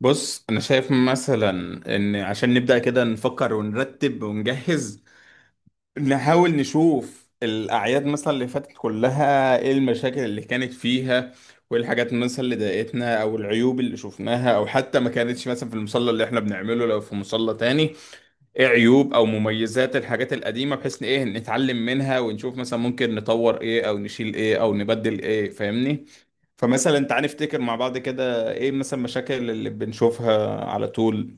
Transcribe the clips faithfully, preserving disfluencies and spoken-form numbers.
بص انا شايف مثلا ان عشان نبدأ كده نفكر ونرتب ونجهز، نحاول نشوف الاعياد مثلا اللي فاتت كلها ايه المشاكل اللي كانت فيها، وايه الحاجات مثلا اللي ضايقتنا او العيوب اللي شفناها او حتى ما كانتش مثلا في المصلى اللي احنا بنعمله، لو في مصلى تاني ايه عيوب او مميزات الحاجات القديمه بحيث ان ايه نتعلم منها ونشوف مثلا ممكن نطور ايه او نشيل ايه او نبدل ايه، فاهمني؟ فمثلا تعال نفتكر مع بعض كده ايه مثلا مشاكل اللي بنشوفها على طول.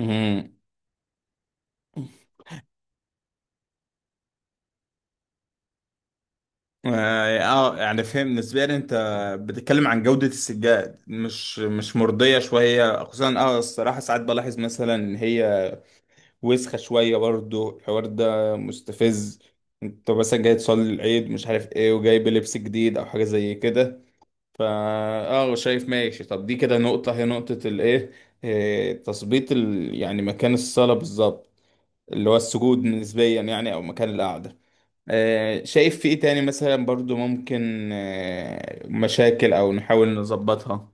امم اه. آه، يعني فهم نسبيا، انت بتتكلم عن جودة السجاد مش مش مرضية شوية، خصوصا اه الصراحة ساعات بلاحظ مثلا ان هي وسخة شوية، برضو الحوار ده مستفز. انت مثلا جاي تصلي العيد مش عارف ايه وجايب لبس جديد او حاجة زي كده فا اه، شايف؟ ماشي. طب دي كده نقطة، هي نقطة الايه، اه، تثبيت ال... يعني مكان الصلاة بالظبط، اللي هو السجود نسبيا يعني، او مكان القعدة. اه، شايف في ايه تاني مثلا برضو ممكن اه، مشاكل او نحاول نظبطها؟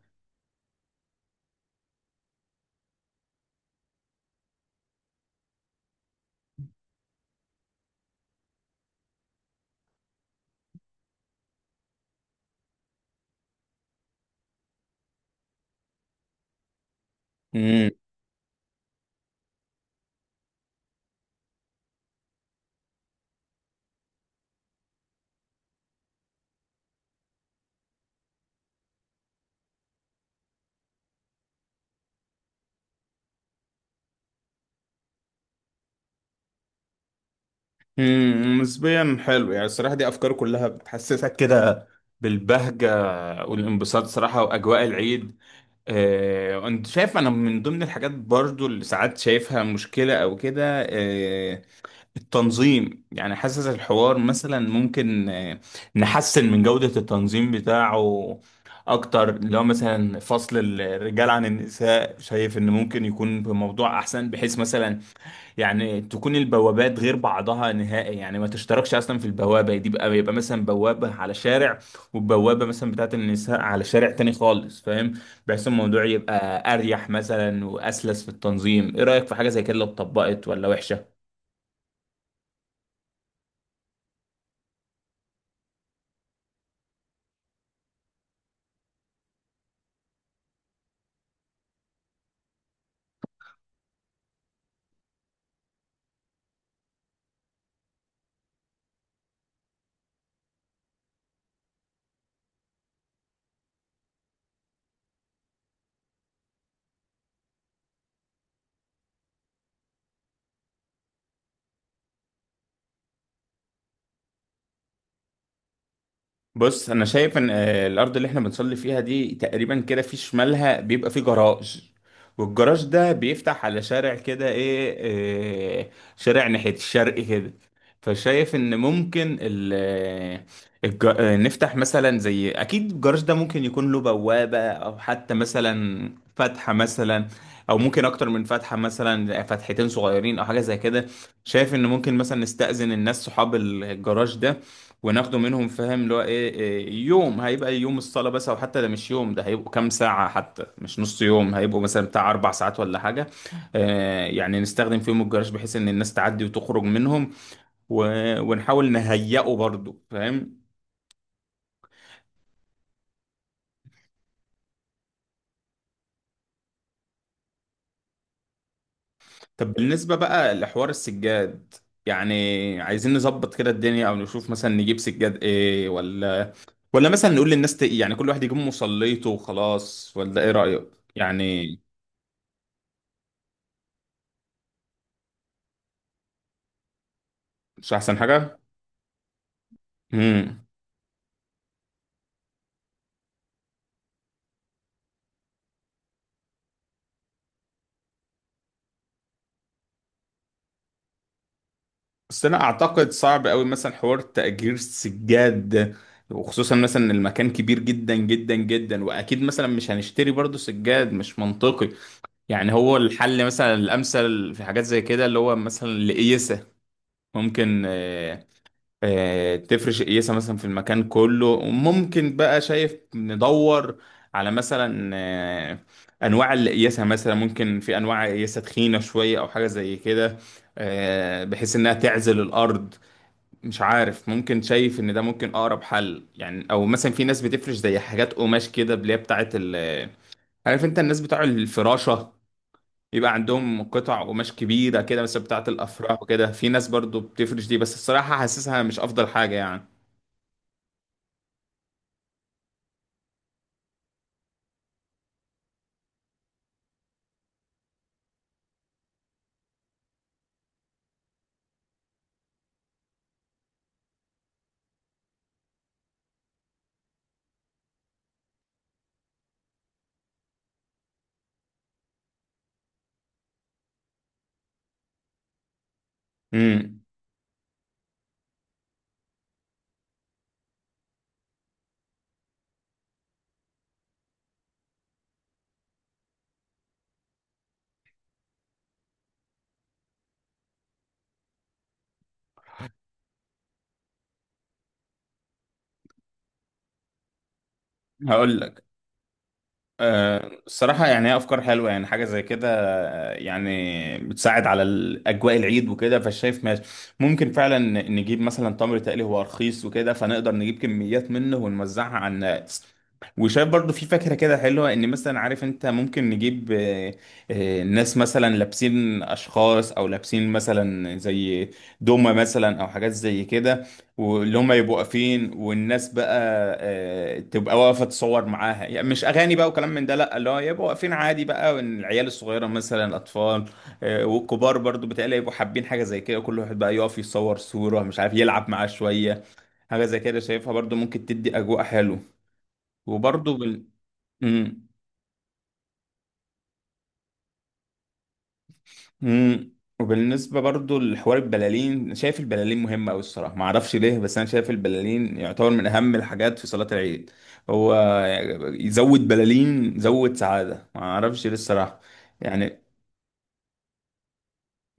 مم. امم، نسبيا حلو يعني الصراحة، دي أفكار كلها بتحسسك كده بالبهجة والانبساط صراحة وأجواء العيد. آه، وأنت شايف، أنا من ضمن الحاجات برضو اللي ساعات شايفها مشكلة أو كده آه، التنظيم، يعني حاسس الحوار مثلا ممكن آه، نحسن من جودة التنظيم بتاعه أكتر. لو مثلا فصل الرجال عن النساء، شايف إن ممكن يكون بموضوع أحسن، بحيث مثلا يعني تكون البوابات غير بعضها نهائي، يعني ما تشتركش اصلا في البوابه دي بقى. يبقى مثلا بوابه على شارع وبوابه مثلا بتاعت النساء على شارع تاني خالص، فاهم؟ بحيث الموضوع يبقى اريح مثلا واسلس في التنظيم. ايه رايك في حاجه زي كده لو اتطبقت ولا وحشه؟ بص انا شايف ان آه، الارض اللي احنا بنصلي فيها دي تقريبا كده في شمالها بيبقى فيه جراج، والجراج ده بيفتح على شارع كده ايه، آه، شارع ناحية الشرق كده. فشايف ان ممكن ال آه، الج- آه، نفتح مثلا زي اكيد الجراج ده ممكن يكون له بوابة او حتى مثلا فتحة مثلا، او ممكن اكتر من فتحة، مثلا فتحتين صغيرين او حاجة زي كده. شايف ان ممكن مثلا نستأذن الناس صحاب الجراج ده وناخده منهم، فاهم؟ اللي هو ايه، إيه، يوم هيبقى يوم الصلاة بس، او حتى ده مش يوم، ده هيبقوا كام ساعة حتى، مش نص يوم، هيبقوا مثلا بتاع اربع ساعات ولا حاجة. آه يعني نستخدم فيهم الجراج بحيث ان الناس تعدي وتخرج منهم، و... ونحاول نهيئه برضو، فاهم؟ طب بالنسبة بقى لحوار السجاد، يعني عايزين نظبط كده الدنيا او نشوف مثلا نجيب سجاد ايه، ولا ولا مثلا نقول للناس ت... يعني كل واحد يجيب مصليته وخلاص، ولا ايه رأيك؟ يعني مش احسن حاجة. امم، بس انا اعتقد صعب قوي مثلا حوار تأجير سجاد ده، وخصوصا مثلا إن المكان كبير جدا جدا جدا. واكيد مثلا مش هنشتري برضو سجاد، مش منطقي يعني. هو الحل مثلا الامثل في حاجات زي كده اللي هو مثلا القيسة. ممكن آه، آه، تفرش قيسة مثلا في المكان كله، وممكن بقى شايف ندور على مثلا آه، انواع القياسة، مثلا ممكن في انواع قياسة تخينة شوية او حاجة زي كده، آه، بحيث انها تعزل الارض. مش عارف، ممكن شايف ان ده ممكن اقرب حل يعني. او مثلا في ناس بتفرش زي حاجات قماش كده، اللي هي بتاعت ال، عارف انت الناس بتوع الفراشة، يبقى عندهم قطع قماش كبيرة كده مثلا بتاعت الافراح وكده. في ناس برضو بتفرش دي، بس الصراحة حاسسها مش افضل حاجة يعني. امم. هقول لك، آه، الصراحة يعني هي أفكار حلوة. يعني حاجة زي كده آه، يعني بتساعد على ال- أجواء العيد وكده، فشايف ماشي. ممكن فعلا ن- نجيب مثلا تمر تقلي، هو رخيص وكده فنقدر نجيب كميات منه ونوزعها على الناس. وشايف برضو في فكرة كده حلوة إن مثلا، عارف أنت، ممكن نجيب آه، آه، ناس مثلا لابسين أشخاص، أو لابسين مثلا زي دومة مثلا أو حاجات زي كده، واللي هم يبقوا واقفين والناس بقى آه، تبقى واقفه تصور معاها. يعني مش اغاني بقى وكلام من ده لا، اللي هو يبقوا واقفين عادي بقى، وإن العيال الصغيره مثلا الاطفال آه، والكبار برضو بتقلي يبقوا حابين حاجه زي كده. كل واحد بقى يقف يصور صوره، مش عارف يلعب معاه شويه. حاجه زي كده شايفها برضو ممكن تدي اجواء حلو. وبرضو بال... مم. امم. وبالنسبه برضو لحوار البلالين، شايف البلالين مهمه قوي الصراحه، ما اعرفش ليه، بس انا شايف البلالين يعتبر من اهم الحاجات في صلاه العيد. هو يزود بلالين زود سعاده، ما اعرفش ليه الصراحه يعني.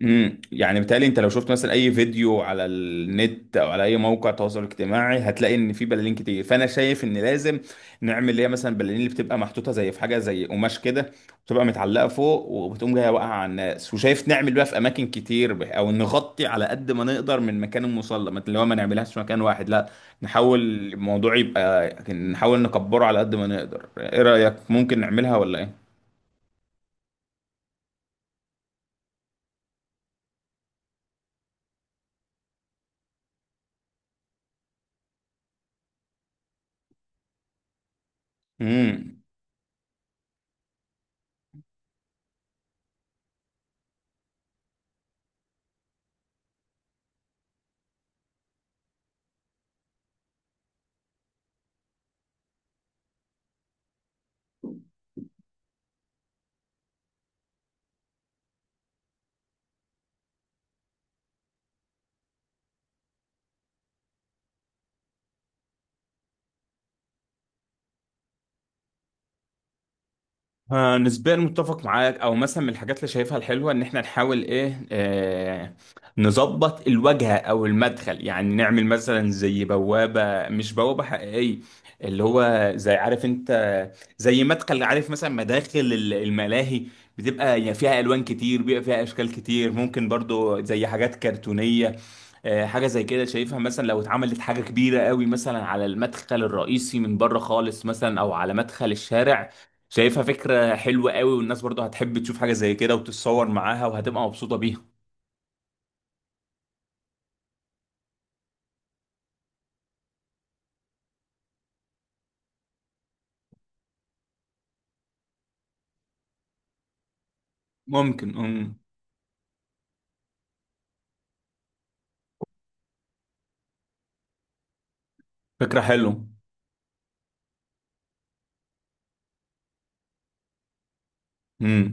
امم، يعني بالتالي انت لو شفت مثلا اي فيديو على النت او على اي موقع تواصل اجتماعي هتلاقي ان في بلالين كتير. فانا شايف ان لازم نعمل اللي هي مثلا بلالين اللي بتبقى محطوطه زي في حاجه زي قماش كده، بتبقى متعلقه فوق وبتقوم جايه واقعه على الناس. وشايف نعمل بقى في اماكن كتير، ب- او نغطي على قد ما نقدر من مكان المصلى، ما اللي هو ما نعملهاش في مكان واحد لا، نحاول الموضوع يبقى، نحاول نكبره على قد ما نقدر. ايه رايك؟ ممكن نعملها ولا ايه؟ امم، آه، نسبيا متفق معاك. او مثلا من الحاجات اللي شايفها الحلوه ان احنا نحاول ايه آه نظبط الواجهه او المدخل، يعني نعمل مثلا زي بوابه، مش بوابه حقيقيه، اللي هو زي، عارف انت، زي مدخل، عارف مثلا مداخل ال- الملاهي بتبقى يعني فيها الوان كتير، بيبقى فيها اشكال كتير، ممكن برضو زي حاجات كرتونيه. آه، حاجه زي كده شايفها، مثلا لو اتعملت حاجه كبيره قوي مثلا على المدخل الرئيسي من بره خالص، مثلا او على مدخل الشارع، شايفها فكرة حلوة قوي. والناس برضو هتحب تشوف حاجة زي كده وتتصور معاها وهتبقى مبسوطة بيها. ممكن. امم، فكرة حلوة. امم.